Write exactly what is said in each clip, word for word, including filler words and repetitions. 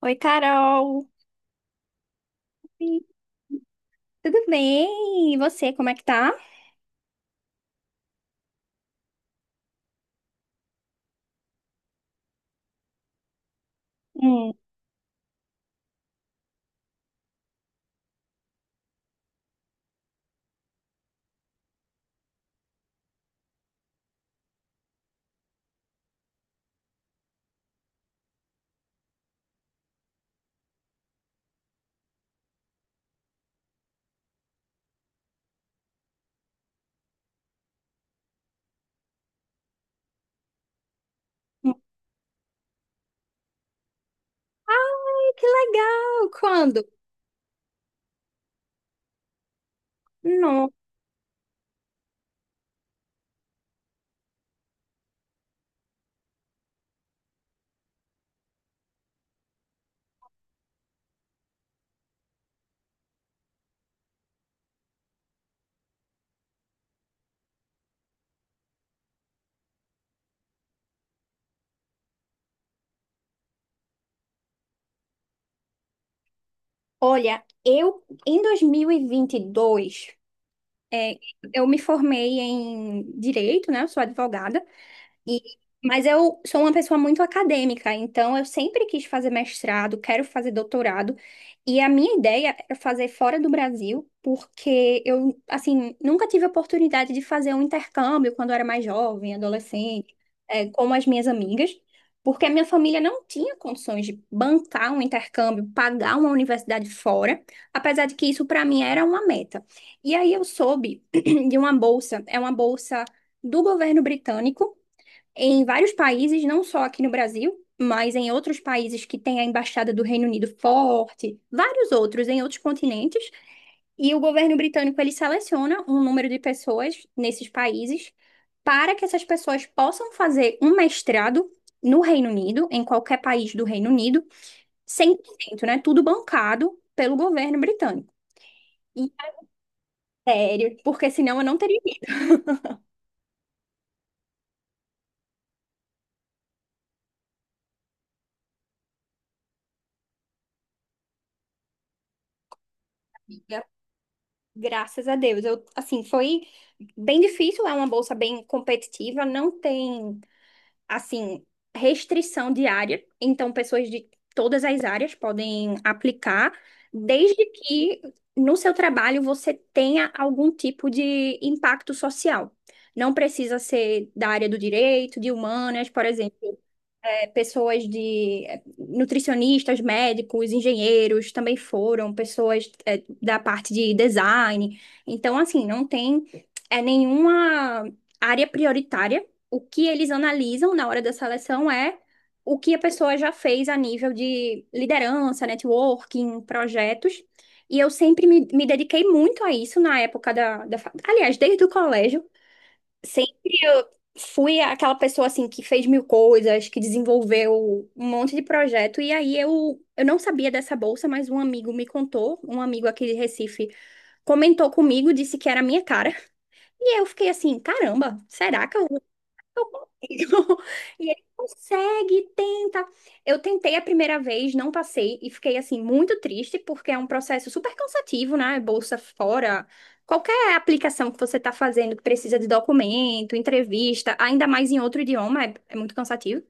Oi, Carol. Sim. Tudo bem? E você, como é que tá? Hum. Hum. Ai, que legal! Quando? Não. Olha, eu em dois mil e vinte e dois, é, eu me formei em direito, né? Eu sou advogada. E, mas eu sou uma pessoa muito acadêmica, então eu sempre quis fazer mestrado, quero fazer doutorado, e a minha ideia era fazer fora do Brasil, porque eu, assim, nunca tive a oportunidade de fazer um intercâmbio quando eu era mais jovem, adolescente, eh, como as minhas amigas, porque a minha família não tinha condições de bancar um intercâmbio, pagar uma universidade fora, apesar de que isso para mim era uma meta. E aí eu soube de uma bolsa, é uma bolsa do governo britânico em vários países, não só aqui no Brasil, mas em outros países que tem a embaixada do Reino Unido forte, vários outros em outros continentes, e o governo britânico ele seleciona um número de pessoas nesses países para que essas pessoas possam fazer um mestrado no Reino Unido, em qualquer país do Reino Unido, cem por cento, né? Tudo bancado pelo governo britânico. E é sério, porque senão eu não teria ido. Graças a Deus. Eu, assim, foi bem difícil, é uma bolsa bem competitiva, não tem, assim, restrição de área, então pessoas de todas as áreas podem aplicar, desde que no seu trabalho você tenha algum tipo de impacto social. Não precisa ser da área do direito, de humanas, por exemplo é, pessoas de é, nutricionistas, médicos, engenheiros também foram, pessoas é, da parte de design. Então, assim, não tem é, nenhuma área prioritária. O que eles analisam na hora da seleção é o que a pessoa já fez a nível de liderança, networking, projetos. E eu sempre me, me dediquei muito a isso na época da, da. fa- Aliás, desde o colégio, sempre eu fui aquela pessoa assim que fez mil coisas, que desenvolveu um monte de projeto. E aí eu, eu não sabia dessa bolsa, mas um amigo me contou, um amigo aqui de Recife comentou comigo, disse que era a minha cara. E eu fiquei assim, caramba, será que eu eu consigo. E ele consegue, tenta. Eu tentei a primeira vez, não passei e fiquei assim muito triste porque é um processo super cansativo, né? Bolsa fora, qualquer aplicação que você está fazendo que precisa de documento, entrevista, ainda mais em outro idioma, é, é muito cansativo.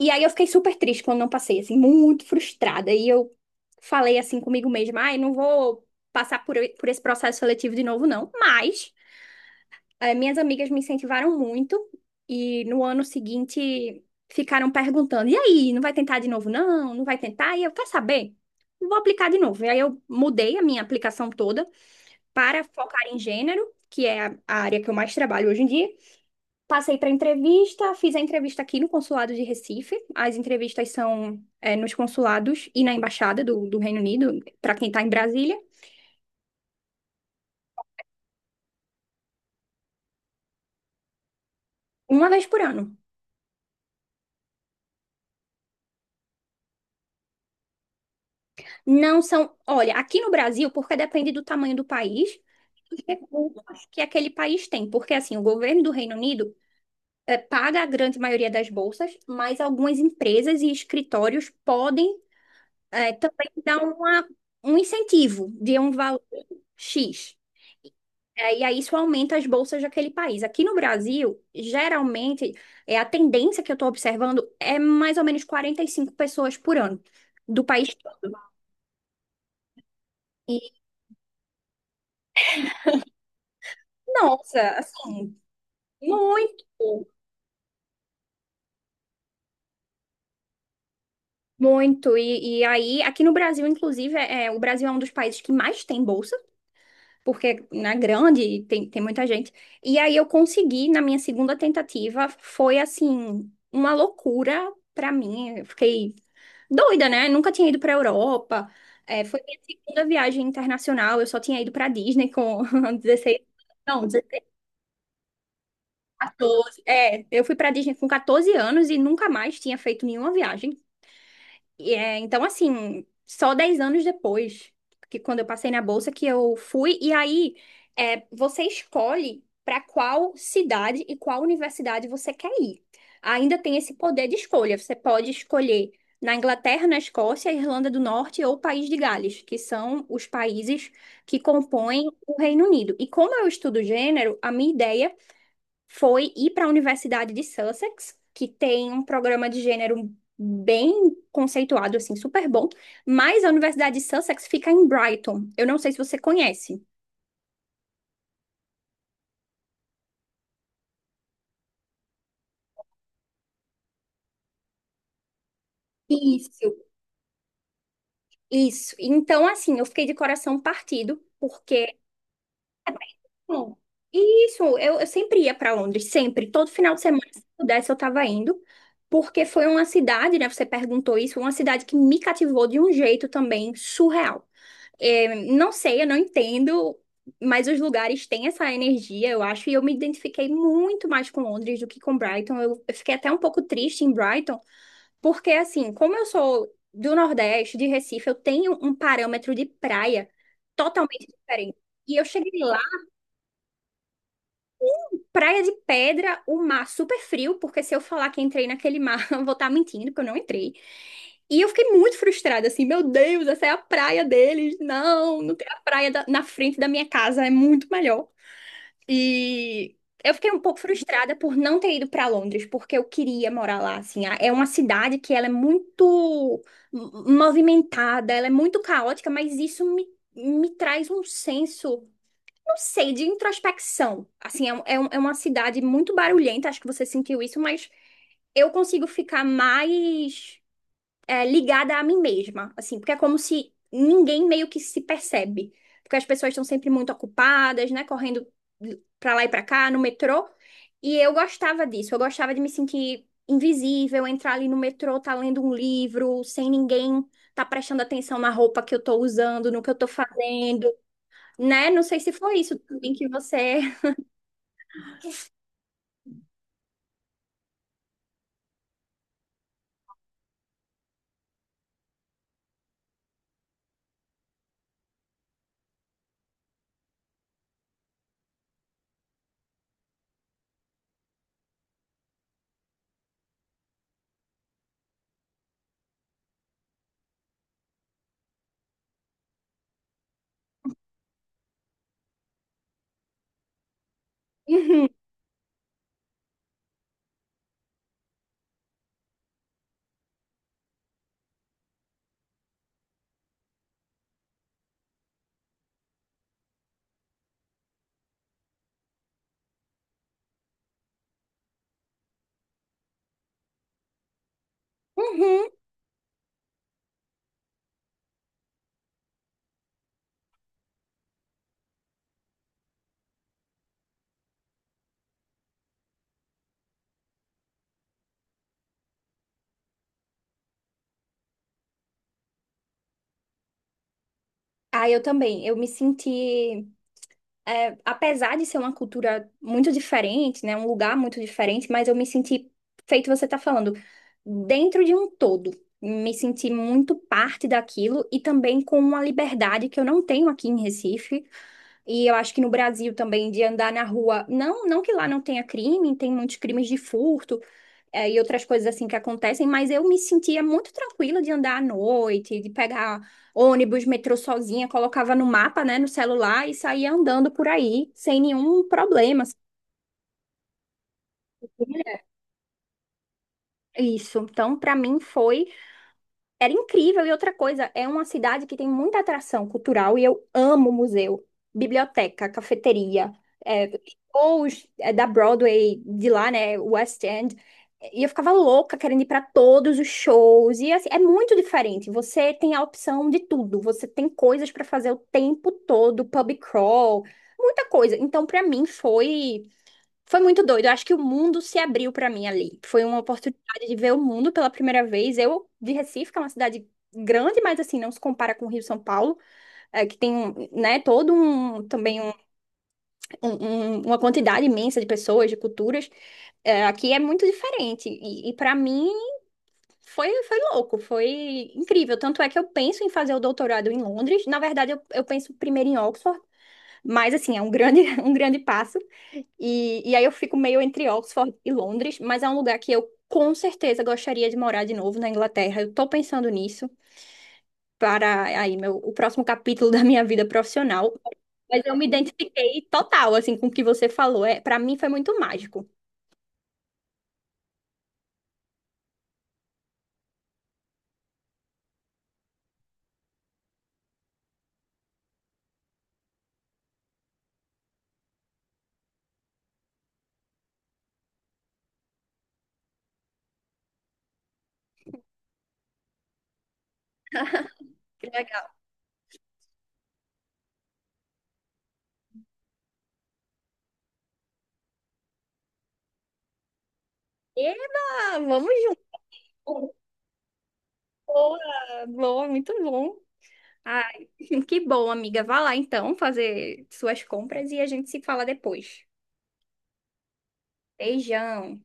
E aí eu fiquei super triste quando não passei, assim, muito frustrada. E eu falei assim comigo mesma, ai, não vou passar por, por esse processo seletivo de novo, não. Mas eh, minhas amigas me incentivaram muito e no ano seguinte ficaram perguntando: e aí, não vai tentar de novo, não? Não vai tentar? E eu, quer saber? Vou aplicar de novo. E aí eu mudei a minha aplicação toda para focar em gênero, que é a a área que eu mais trabalho hoje em dia. Passei para entrevista, fiz a entrevista aqui no consulado de Recife. As entrevistas são, eh, nos consulados e na embaixada do, do Reino Unido, para quem está em Brasília, uma vez por ano. Não são, olha, aqui no Brasil, porque depende do tamanho do país, os recursos que aquele país tem, porque assim, o governo do Reino Unido eh, paga a grande maioria das bolsas, mas algumas empresas e escritórios podem eh, também dar uma, um incentivo de um valor X. Eh, e aí isso aumenta as bolsas daquele país. Aqui no Brasil, geralmente, é a tendência que eu estou observando é mais ou menos quarenta e cinco pessoas por ano do país todo. E, Nossa, assim, muito. Muito, e, e aí, aqui no Brasil, inclusive, é, é, o Brasil é um dos países que mais tem bolsa, porque é grande e tem, tem muita gente. E aí eu consegui, na minha segunda tentativa, foi assim, uma loucura pra mim. Eu fiquei doida, né? Nunca tinha ido pra Europa. É, foi minha segunda viagem internacional, eu só tinha ido pra Disney com dezesseis não, dezesseis, quatorze. É, eu fui pra Disney com quatorze anos e nunca mais tinha feito nenhuma viagem. E, é, então, assim, só dez anos depois, que quando eu passei na bolsa, que eu fui, e aí é, você escolhe para qual cidade e qual universidade você quer ir. Ainda tem esse poder de escolha. Você pode escolher na Inglaterra, na Escócia, Irlanda do Norte ou País de Gales, que são os países que compõem o Reino Unido. E como eu estudo gênero, a minha ideia foi ir para a Universidade de Sussex, que tem um programa de gênero bem conceituado, assim, super bom. Mas a Universidade de Sussex fica em Brighton. Eu não sei se você conhece. Isso, isso. Então, assim, eu fiquei de coração partido, porque. Bom, isso, eu, eu sempre ia para Londres, sempre. Todo final de semana, se pudesse, eu estava indo. Porque foi uma cidade, né? Você perguntou isso, uma cidade que me cativou de um jeito também surreal. É, não sei, eu não entendo, mas os lugares têm essa energia, eu acho, e eu me identifiquei muito mais com Londres do que com Brighton. Eu, eu fiquei até um pouco triste em Brighton, porque assim, como eu sou do Nordeste, de Recife, eu tenho um parâmetro de praia totalmente diferente. E eu cheguei lá. Praia de Pedra, o mar super frio, porque se eu falar que entrei naquele mar, eu vou estar mentindo, porque eu não entrei. E eu fiquei muito frustrada, assim, meu Deus, essa é a praia deles. Não, não tem a praia da- na frente da minha casa, é muito melhor. E eu fiquei um pouco frustrada por não ter ido para Londres, porque eu queria morar lá, assim. A- É uma cidade que ela é muito m- movimentada, ela é muito caótica, mas isso me, me traz um senso não sei, de introspecção. Assim, é, um- é, um- é uma cidade muito barulhenta, acho que você sentiu isso, mas eu consigo ficar mais é, ligada a mim mesma, assim, porque é como se ninguém meio que se percebe. Porque as pessoas estão sempre muito ocupadas, né? Correndo pra lá e pra cá, no metrô. E eu gostava disso, eu gostava de me sentir invisível, entrar ali no metrô, tá lendo um livro, sem ninguém tá prestando atenção na roupa que eu tô usando, no que eu tô fazendo né? Não sei se foi isso também que você. Uhum, uhum. Ah, eu também. Eu me senti, é, apesar de ser uma cultura muito diferente, né, um lugar muito diferente, mas eu me senti, feito você tá falando, dentro de um todo. Me senti muito parte daquilo e também com uma liberdade que eu não tenho aqui em Recife. E eu acho que no Brasil também, de andar na rua, não, não que lá não tenha crime, tem muitos crimes de furto, é, e outras coisas assim que acontecem, mas eu me sentia muito tranquila de andar à noite, de pegar ônibus, metrô sozinha, colocava no mapa, né, no celular e saía andando por aí sem nenhum problema. Assim, né? Isso. Então, para mim foi Era incrível. E outra coisa, é uma cidade que tem muita atração cultural e eu amo museu, biblioteca, cafeteria, é, shows é, da Broadway, de lá, né, West End. E eu ficava louca querendo ir para todos os shows. E assim, é muito diferente. Você tem a opção de tudo. Você tem coisas para fazer o tempo todo, pub crawl, muita coisa. Então, para mim, foi. Foi muito doido. Eu acho que o mundo se abriu pra mim ali. Foi uma oportunidade de ver o mundo pela primeira vez. Eu, de Recife, que é uma cidade grande, mas assim, não se compara com o Rio São Paulo, é, que tem, um, né, todo um, também um- um- um- uma quantidade imensa de pessoas, de culturas. É, aqui é muito diferente. E, e para mim foi, foi, louco, foi incrível. Tanto é que eu penso em fazer o doutorado em Londres. Na verdade, eu, eu penso primeiro em Oxford, mas assim, é um grande, um grande passo. E, e aí eu fico meio entre Oxford e Londres, mas é um lugar que eu com certeza gostaria de morar de novo na Inglaterra. Eu tô pensando nisso para aí meu, o próximo capítulo da minha vida profissional. Mas eu me identifiquei total, assim, com o que você falou. É, para mim foi muito mágico. Que legal. Eba, vamos junto. Boa, boa, muito bom. Ai, que bom, amiga. Vá lá então fazer suas compras e a gente se fala depois. Beijão.